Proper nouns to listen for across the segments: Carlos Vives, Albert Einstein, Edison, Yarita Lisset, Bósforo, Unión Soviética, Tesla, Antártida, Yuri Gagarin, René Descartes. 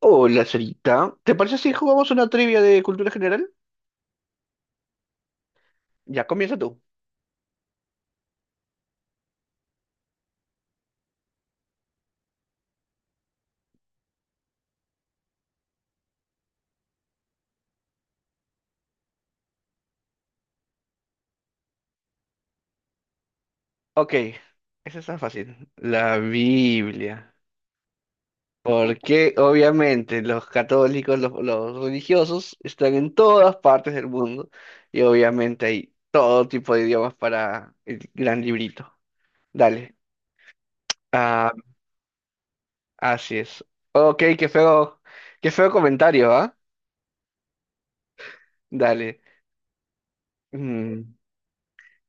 Hola, Sarita. ¿Te parece si jugamos una trivia de cultura general? Ya, comienza tú. Ok, esa está fácil. La Biblia. Porque obviamente los católicos, los religiosos, están en todas partes del mundo y obviamente hay todo tipo de idiomas para el gran librito. Dale. Ah, así es. Ok, qué feo comentario, ¿ah? Dale. Mm,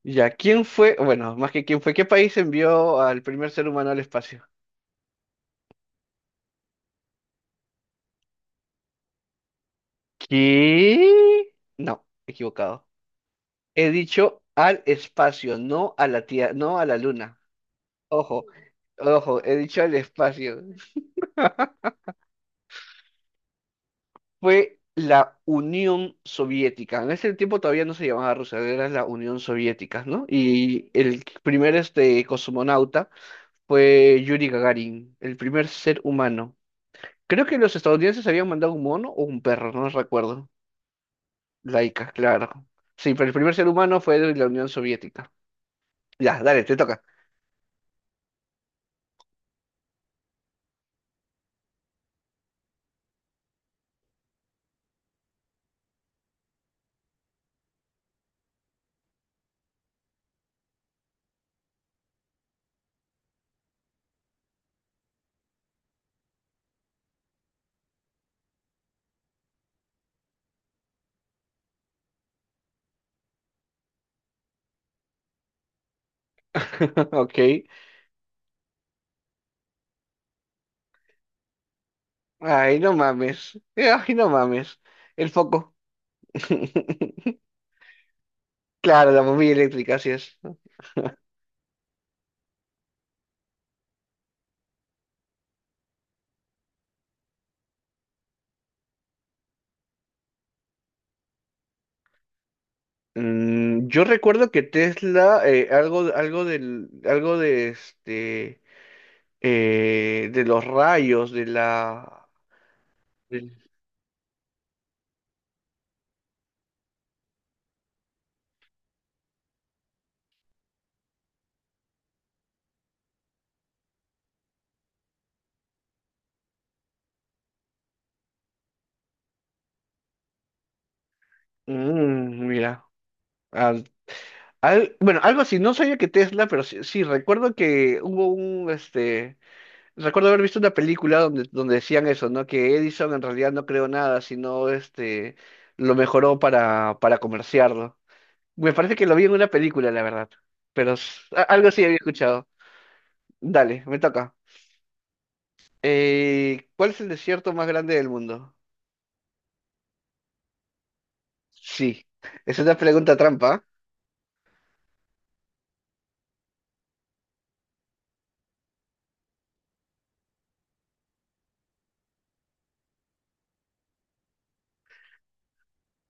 Ya, ¿quién fue? Bueno, más que quién fue, ¿qué país envió al primer ser humano al espacio? ¿Qué? No, equivocado. He dicho al espacio, no a la tierra, no a la luna. Ojo, ojo, he dicho al espacio. Fue la Unión Soviética. En ese tiempo todavía no se llamaba Rusia, era la Unión Soviética, ¿no? Y el primer cosmonauta fue Yuri Gagarin, el primer ser humano. Creo que los estadounidenses habían mandado un mono o un perro, no recuerdo. Laica, claro. Sí, pero el primer ser humano fue de la Unión Soviética. Ya, dale, te toca. Ok. Ay, no mames. Ay, no mames. El foco. Claro, la bombilla eléctrica, así es. Yo recuerdo que Tesla, algo de de los rayos, de la, del- Mira, Ah, bueno, algo así. No sabía que Tesla, pero sí, sí, recuerdo que hubo recuerdo haber visto una película donde decían eso, ¿no? Que Edison en realidad no creó nada, sino lo mejoró para, comerciarlo. Me parece que lo vi en una película, la verdad. Pero algo sí había escuchado. Dale, me toca. ¿Cuál es el desierto más grande del mundo? Sí, es una pregunta trampa.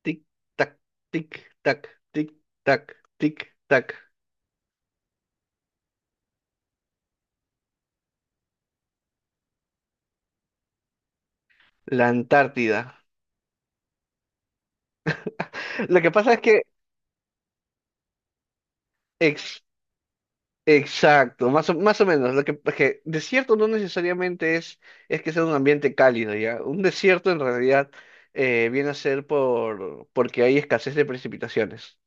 Tic, tac, tic, tac, tic, tac, tic, tac. La Antártida. Lo que pasa es que... Exacto, más o menos. Lo que desierto no necesariamente es que sea un ambiente cálido, ¿ya? Un desierto en realidad viene a ser porque hay escasez de precipitaciones.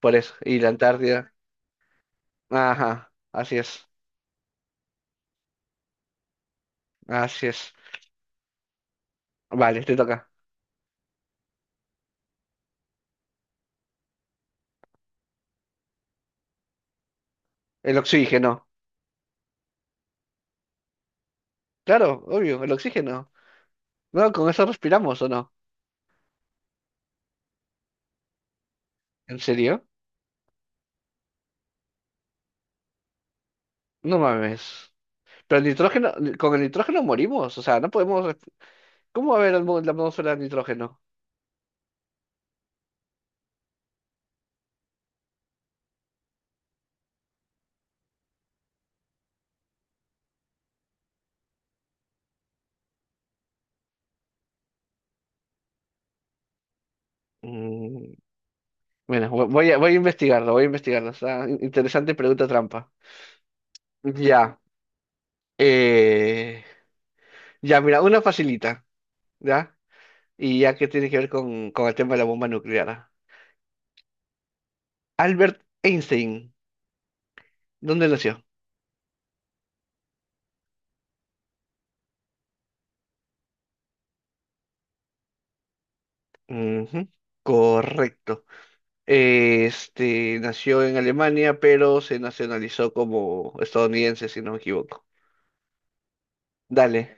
Por eso. Y la Antártida. Ajá, así es. Así es. Vale, te toca. El oxígeno. Claro, obvio, el oxígeno. No, con eso respiramos, ¿o no? ¿En serio? No mames. Pero el nitrógeno, con el nitrógeno morimos. O sea, no podemos. Resp- ¿Cómo va a haber el la atmósfera de nitrógeno? Mm, Bueno, voy a investigarlo, voy a investigarlo. Está interesante pregunta trampa. Ya. eh, ya, mira, una facilita, ¿ya? Y ya que tiene que ver con, el tema de la bomba nuclear. ¿Ah? Albert Einstein, ¿dónde nació? Ujú. Correcto. Nació en Alemania, pero se nacionalizó como estadounidense, si no me equivoco. Dale.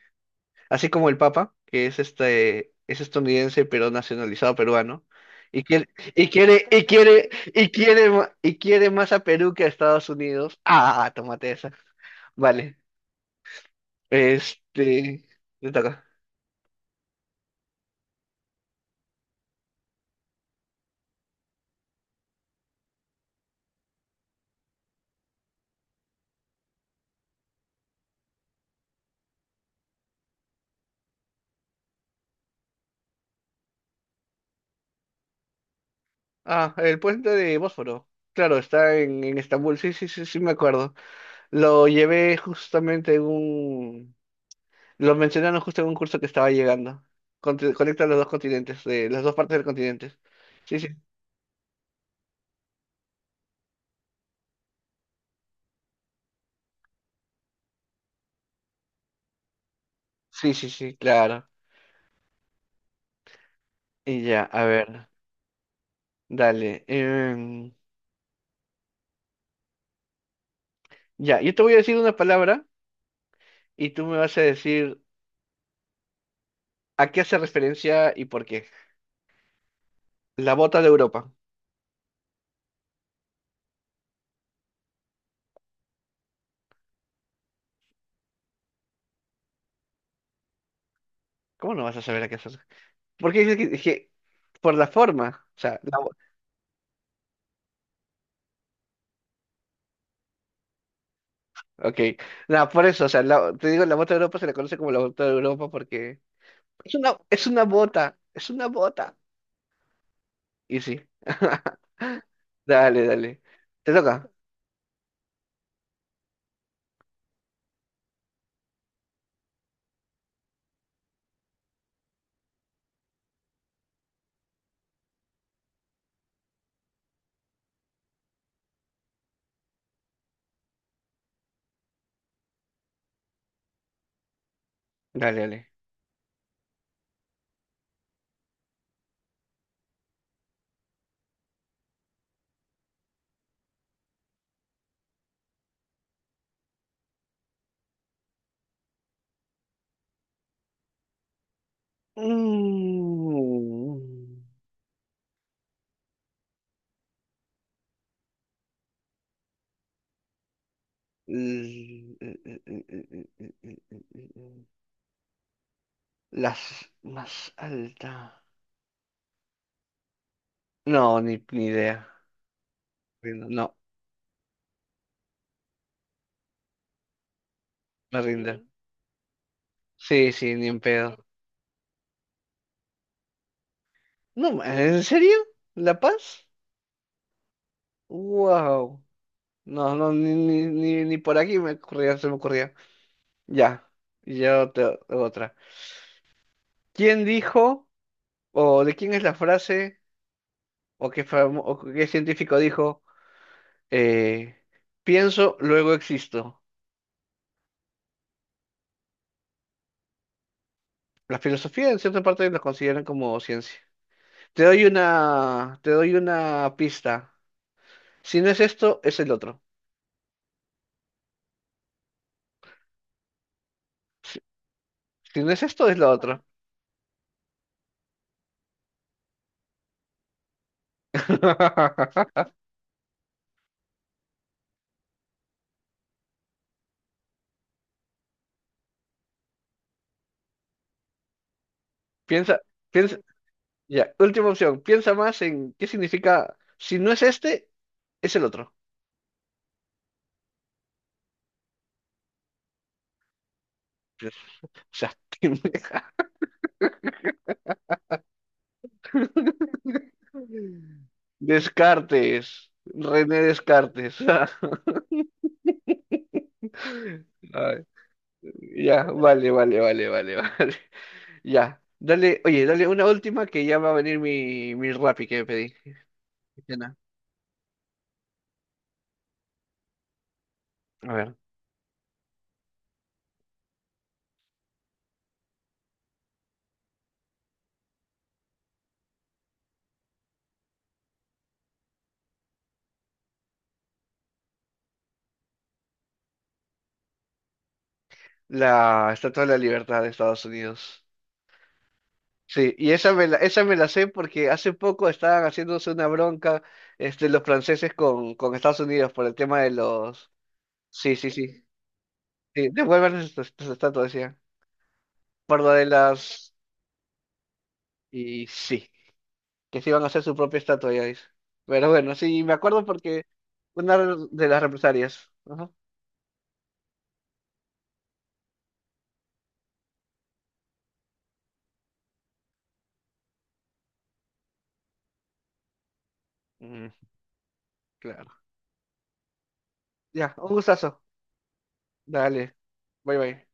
Así como el Papa, que es estadounidense pero nacionalizado peruano, y quiere, y quiere, y quiere, y quiere más a Perú que a Estados Unidos. Ah, tómate esa. Vale. Este, te toca. Ah, el puente de Bósforo. Claro, está en Estambul. Sí, sí, sí, sí, me acuerdo. Lo llevé justamente en un, lo mencionaron justo en un curso que estaba llegando. Conecta los dos continentes, las dos partes del continente. Sí, sí, sí, sí, sí, claro. Y ya, a ver, dale. Ya, yo te voy a decir una palabra y tú me vas a decir a qué hace referencia y por qué. La bota de Europa. ¿Cómo no vas a saber a qué hace? Porque dices que, por la forma, o sea, ok, no, por eso, o sea, te digo, la bota de Europa se la conoce como la bota de Europa porque es una, bota, es una bota. Y sí. Dale, dale. ¿Te toca? Dale, dale. Mm. eh, eh, eh, eh, eh, eh, eh, eh, eh. Las más altas. No, ni idea. Rindo. No, me rindo. ¿No? Sí, sí, ni en pedo. No, ¿en serio? ¿La Paz? Wow. No, no, ni por aquí se me ocurría. Ya, yo te otra. ¿Quién dijo, o de quién es la frase, o qué científico dijo, eh, pienso, luego existo? La filosofía en cierta parte la consideran como ciencia. Te doy una pista. Si no es esto, es el otro. Si, si no es esto, es lo otro. Piensa, piensa, ya, última opción. Piensa más en qué significa, si no es este, es el otro. O sea, te- Descartes, René Descartes. Ay, ya, vale, vale, vale, vale, vale. Ya, dale, oye, dale una última que ya va a venir mi Rappi que pedí. Cena. A ver, la Estatua de la Libertad de Estados Unidos. Sí, y esa me la sé porque hace poco estaban haciéndose una bronca los franceses con, Estados Unidos por el tema de los... Sí, sí, sí. Sí, devuelvan estas estatuas, decía. Por lo de las... Y sí, que se iban a hacer su propia estatua, ya dice. Pero bueno, sí, me acuerdo porque una de las represalias. Ajá. Mm, claro. Ya, un gustazo. Dale, bye bye.